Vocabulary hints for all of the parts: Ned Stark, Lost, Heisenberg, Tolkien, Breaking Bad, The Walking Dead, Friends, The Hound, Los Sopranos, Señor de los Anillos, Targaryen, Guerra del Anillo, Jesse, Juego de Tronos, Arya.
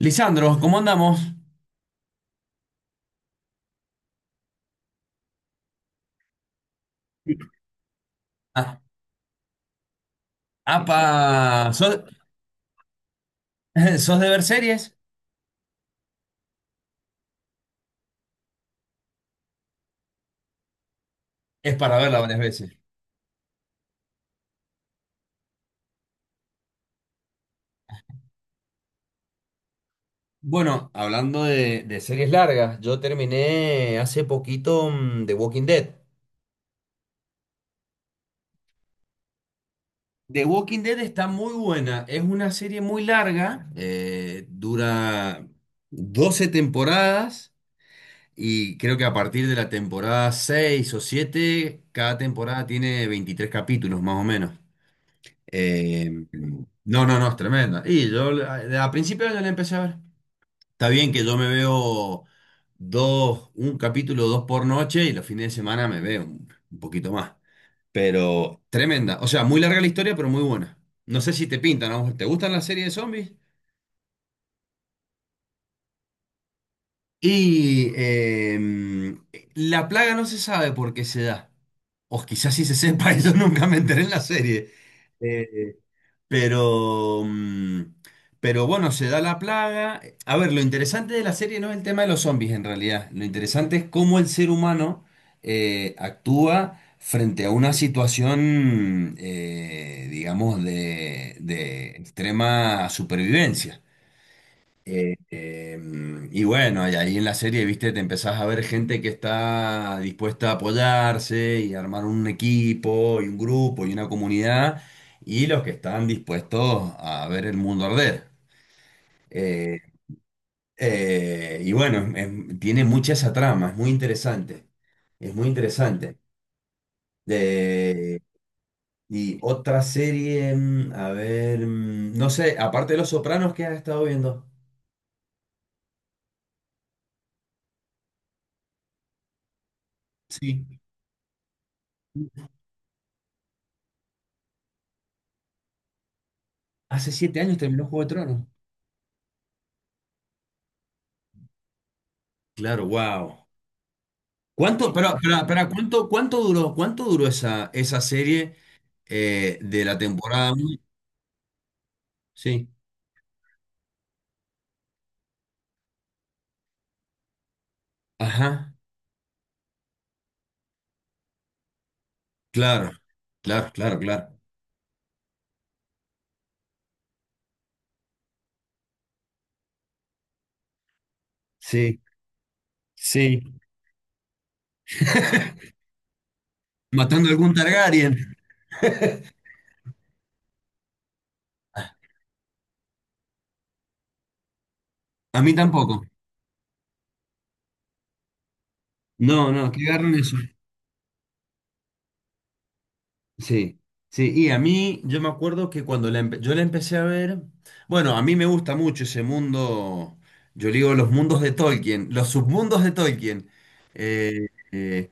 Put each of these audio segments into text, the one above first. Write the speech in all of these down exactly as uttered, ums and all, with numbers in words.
Lisandro, ¿cómo andamos? Ah, apa, ¿sos, sos de ver series? Es para verla varias veces. Bueno, hablando de, de series largas, yo terminé hace poquito mm, The Walking Dead. The Walking Dead está muy buena, es una serie muy larga, eh, dura doce temporadas y creo que a partir de la temporada seis o siete, cada temporada tiene veintitrés capítulos más o menos. Eh, no, no, no, es tremenda. Y yo a, a principio yo la empecé a ver. Está bien que yo me veo dos, un capítulo, dos por noche y los fines de semana me veo un, un poquito más. Pero tremenda. O sea, muy larga la historia, pero muy buena. No sé si te pintan, ¿no? ¿Te gustan las series de zombies? Y eh, la plaga no se sabe por qué se da. O quizás sí se sepa, eso nunca me enteré en la serie. Eh, Pero, mm, pero bueno, se da la plaga. A ver, lo interesante de la serie no es el tema de los zombies en realidad. Lo interesante es cómo el ser humano eh, actúa frente a una situación, eh, digamos, de, de extrema supervivencia. Eh, eh, y bueno, y ahí en la serie, viste, te empezás a ver gente que está dispuesta a apoyarse y armar un equipo y un grupo y una comunidad, y los que están dispuestos a ver el mundo arder. Eh, eh, y bueno, es- tiene mucha esa trama, es muy interesante, es muy interesante. Eh, y otra serie, mm, a ver, mm, no sé, aparte de Los Sopranos, ¿qué has estado viendo? Sí. Hace siete años terminó Juego de Tronos. Claro, wow. ¿Cuánto, pero, pero, pero, ¿cuánto, cuánto duró, cuánto duró esa, esa serie, eh, ¿de la temporada uno? Sí. Ajá. Claro, claro, claro, claro. Sí, sí. Matando a algún Targaryen. A mí tampoco. No, no, que agarren eso. Sí, sí. Y a mí, yo me acuerdo que cuando la empe- yo la empecé a ver, bueno, a mí me gusta mucho ese mundo, yo digo los mundos de Tolkien, los submundos de Tolkien. Eh, eh,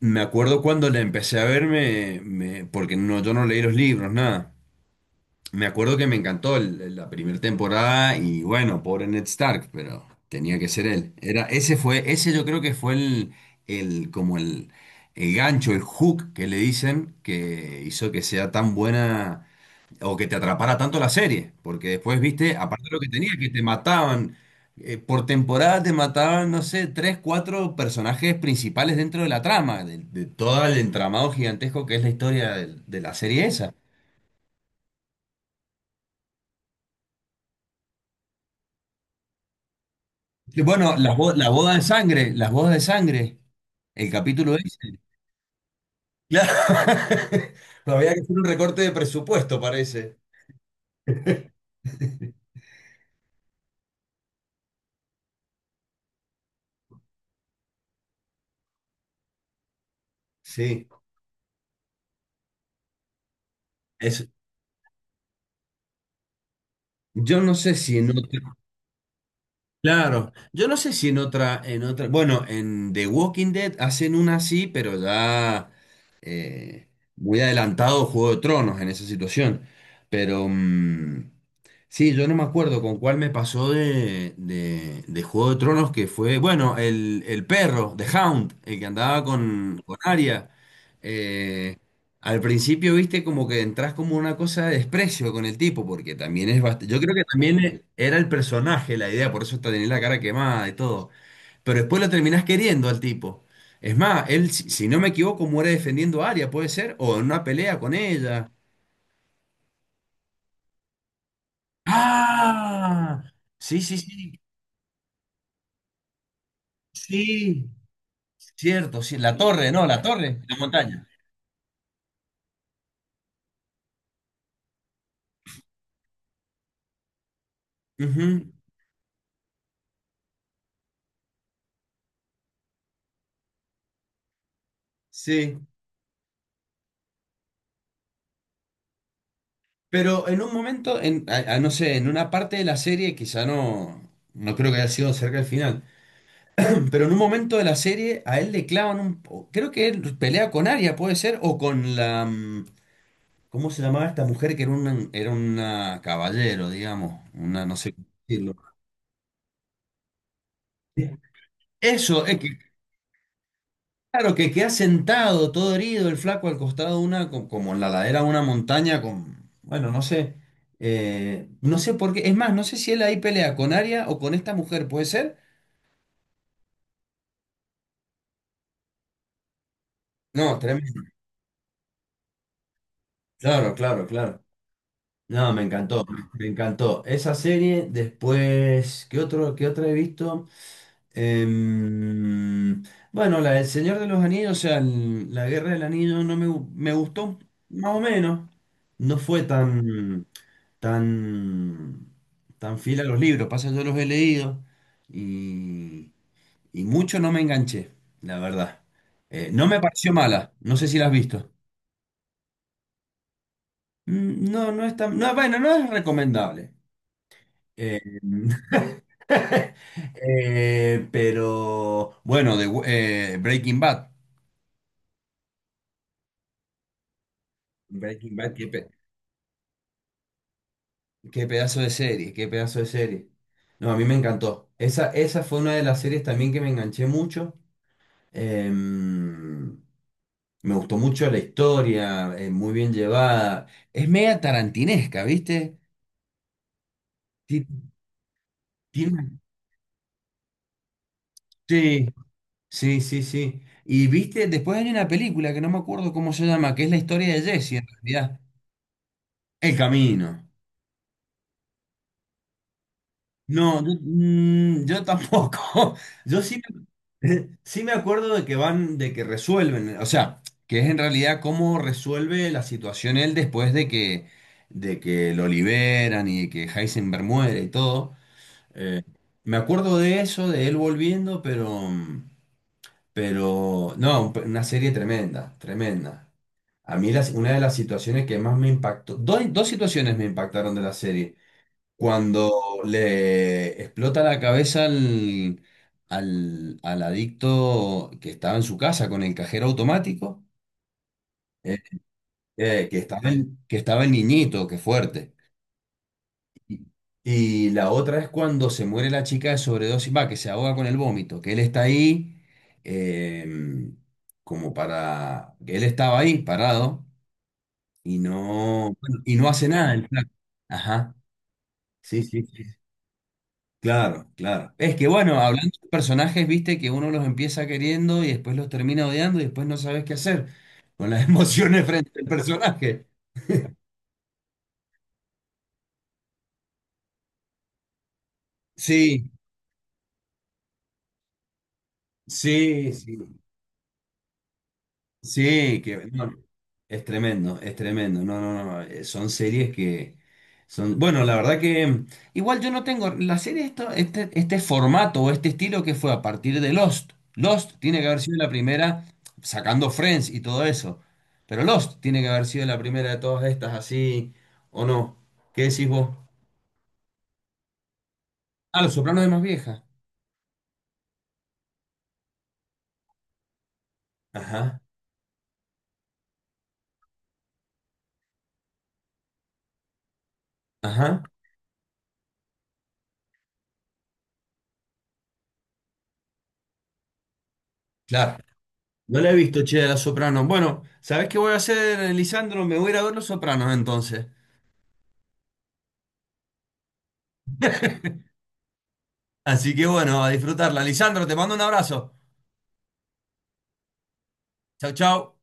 Me acuerdo cuando la empecé a ver, me- me- porque no, yo no leí los libros, nada. Me acuerdo que me encantó el- la primera temporada y bueno, pobre Ned Stark, pero tenía que ser él. Era, ese fue, ese yo creo que fue el, el como el, el gancho, el hook que le dicen que hizo que sea tan buena o que te atrapara tanto la serie, porque después viste, aparte de lo que tenía, que te mataban, eh, por temporada te mataban, no sé, tres, cuatro personajes principales dentro de la trama, de, de todo el entramado gigantesco que es la historia del- de, la serie esa. Y bueno, las bo- la boda de sangre, las bodas de sangre, el capítulo ese. Claro. Había que hacer un recorte de presupuesto, parece. Sí. Es, yo no sé si no. Claro, yo no sé si en otra, en otra, bueno, en The Walking Dead hacen una así, pero ya eh, muy adelantado Juego de Tronos en esa situación. Pero mm, sí, yo no me acuerdo con cuál me pasó de, de, de Juego de Tronos, que fue, bueno, el, el perro, The Hound, el que andaba con, con Arya. eh, Al principio, viste, como que entras como una cosa de desprecio con el tipo, porque también es bastante... Yo creo que también e- era el personaje la idea, por eso hasta tenía la cara quemada y todo. Pero después lo terminás queriendo al tipo. Es más, él, si, si no me equivoco, muere defendiendo a Arya, puede ser, o en una pelea con ella. ¡Ah! Sí, sí, sí, sí. Cierto, sí. La torre, no, la torre, la montaña. Ujú, sí. Pero en un momento, en, a- a- no sé, en una parte de la serie, quizá no, no creo que haya sido cerca del final, pero en un momento de la serie a él le clavan un... o- creo que él pelea con Arya, puede ser, o con la... mm, ¿cómo se llamaba esta mujer que era una, era una caballero, digamos? Una, no sé cómo decirlo. Eso. Claro, que queda sentado, todo herido, el flaco al costado de una, co- como en la ladera de una montaña, con, bueno, no sé, eh, no sé por qué, es más, no sé si él ahí pelea con Aria o con esta mujer, ¿puede ser? No, tremendo, claro, claro, claro. No, me encantó, me encantó. Esa serie, después, ¿qué otro, qué otra he visto? Em, bueno, la del Señor de los Anillos, o sea, el- la Guerra del Anillo, no me, gu- me gustó, más o menos, no fue tan... tan, tan fiel a los libros. Pasa, yo los he leído y, y mucho no me enganché, la verdad. Eh, no me pareció mala, no sé si la has visto. Mm, No, no es tan, no, bueno, no es recomendable. Eh, eh, pero bueno, de, eh, Breaking Bad. Breaking Bad, qué, pe- qué pedazo de serie, qué pedazo de serie. No, a mí me encantó. Esa, esa fue una de las series también que me enganché mucho. Em, Me gustó mucho la historia, eh, muy bien llevada. Es media tarantinesca, ¿viste? Ti- tiene- Sí, sí, sí, sí. Y viste, después hay una película que no me acuerdo cómo se llama, que es la historia de Jesse, en realidad. El camino. No, yo, mm, yo tampoco. Yo sí, me- sí me acuerdo de que van, de que resuelven, o sea, que es en realidad cómo resuelve la situación él después de que, de que lo liberan y que Heisenberg muere y todo. Me acuerdo de eso, de él volviendo, pero, pero no, un- una serie tremenda, tremenda. A mí las- una de las situaciones que más me impactó, dos, dos situaciones me impactaron de la serie. Cuando le explota la cabeza al, al, al adicto que estaba en su casa con el cajero automático, eh, eh, que estaba el, que estaba el niñito, que fuerte. Y y la otra es cuando se muere la chica de sobredosis, va, que se ahoga con el vómito, que él está ahí, eh, como para, que él estaba ahí parado y no, bueno, y no hace nada el flaco. Ajá, sí, sí, sí. Claro, claro. Es que bueno, hablando de personajes, viste que uno los empieza queriendo y después los termina odiando y después no sabes qué hacer con las emociones frente al personaje. Sí, sí, sí. Sí, que no, es tremendo, es tremendo. No, no, no. eh, Son series que son. Bueno, la verdad que, mm, igual yo no tengo. La serie, esto, este, este formato o este estilo que fue a partir de Lost. Lost tiene que haber sido la primera, sacando Friends y todo eso. Pero Lost tiene que haber sido la primera de todas estas, así. ¿O no? ¿Qué decís vos? Ah, Los Sopranos es más vieja. Ajá, ajá, claro. No la he visto, che, a Los Sopranos. Bueno, ¿sabés qué voy a hacer, Lisandro? Me voy a ir a ver Los Sopranos entonces. Así que bueno, a disfrutarla. Lisandro, te mando un abrazo. Chau, chau.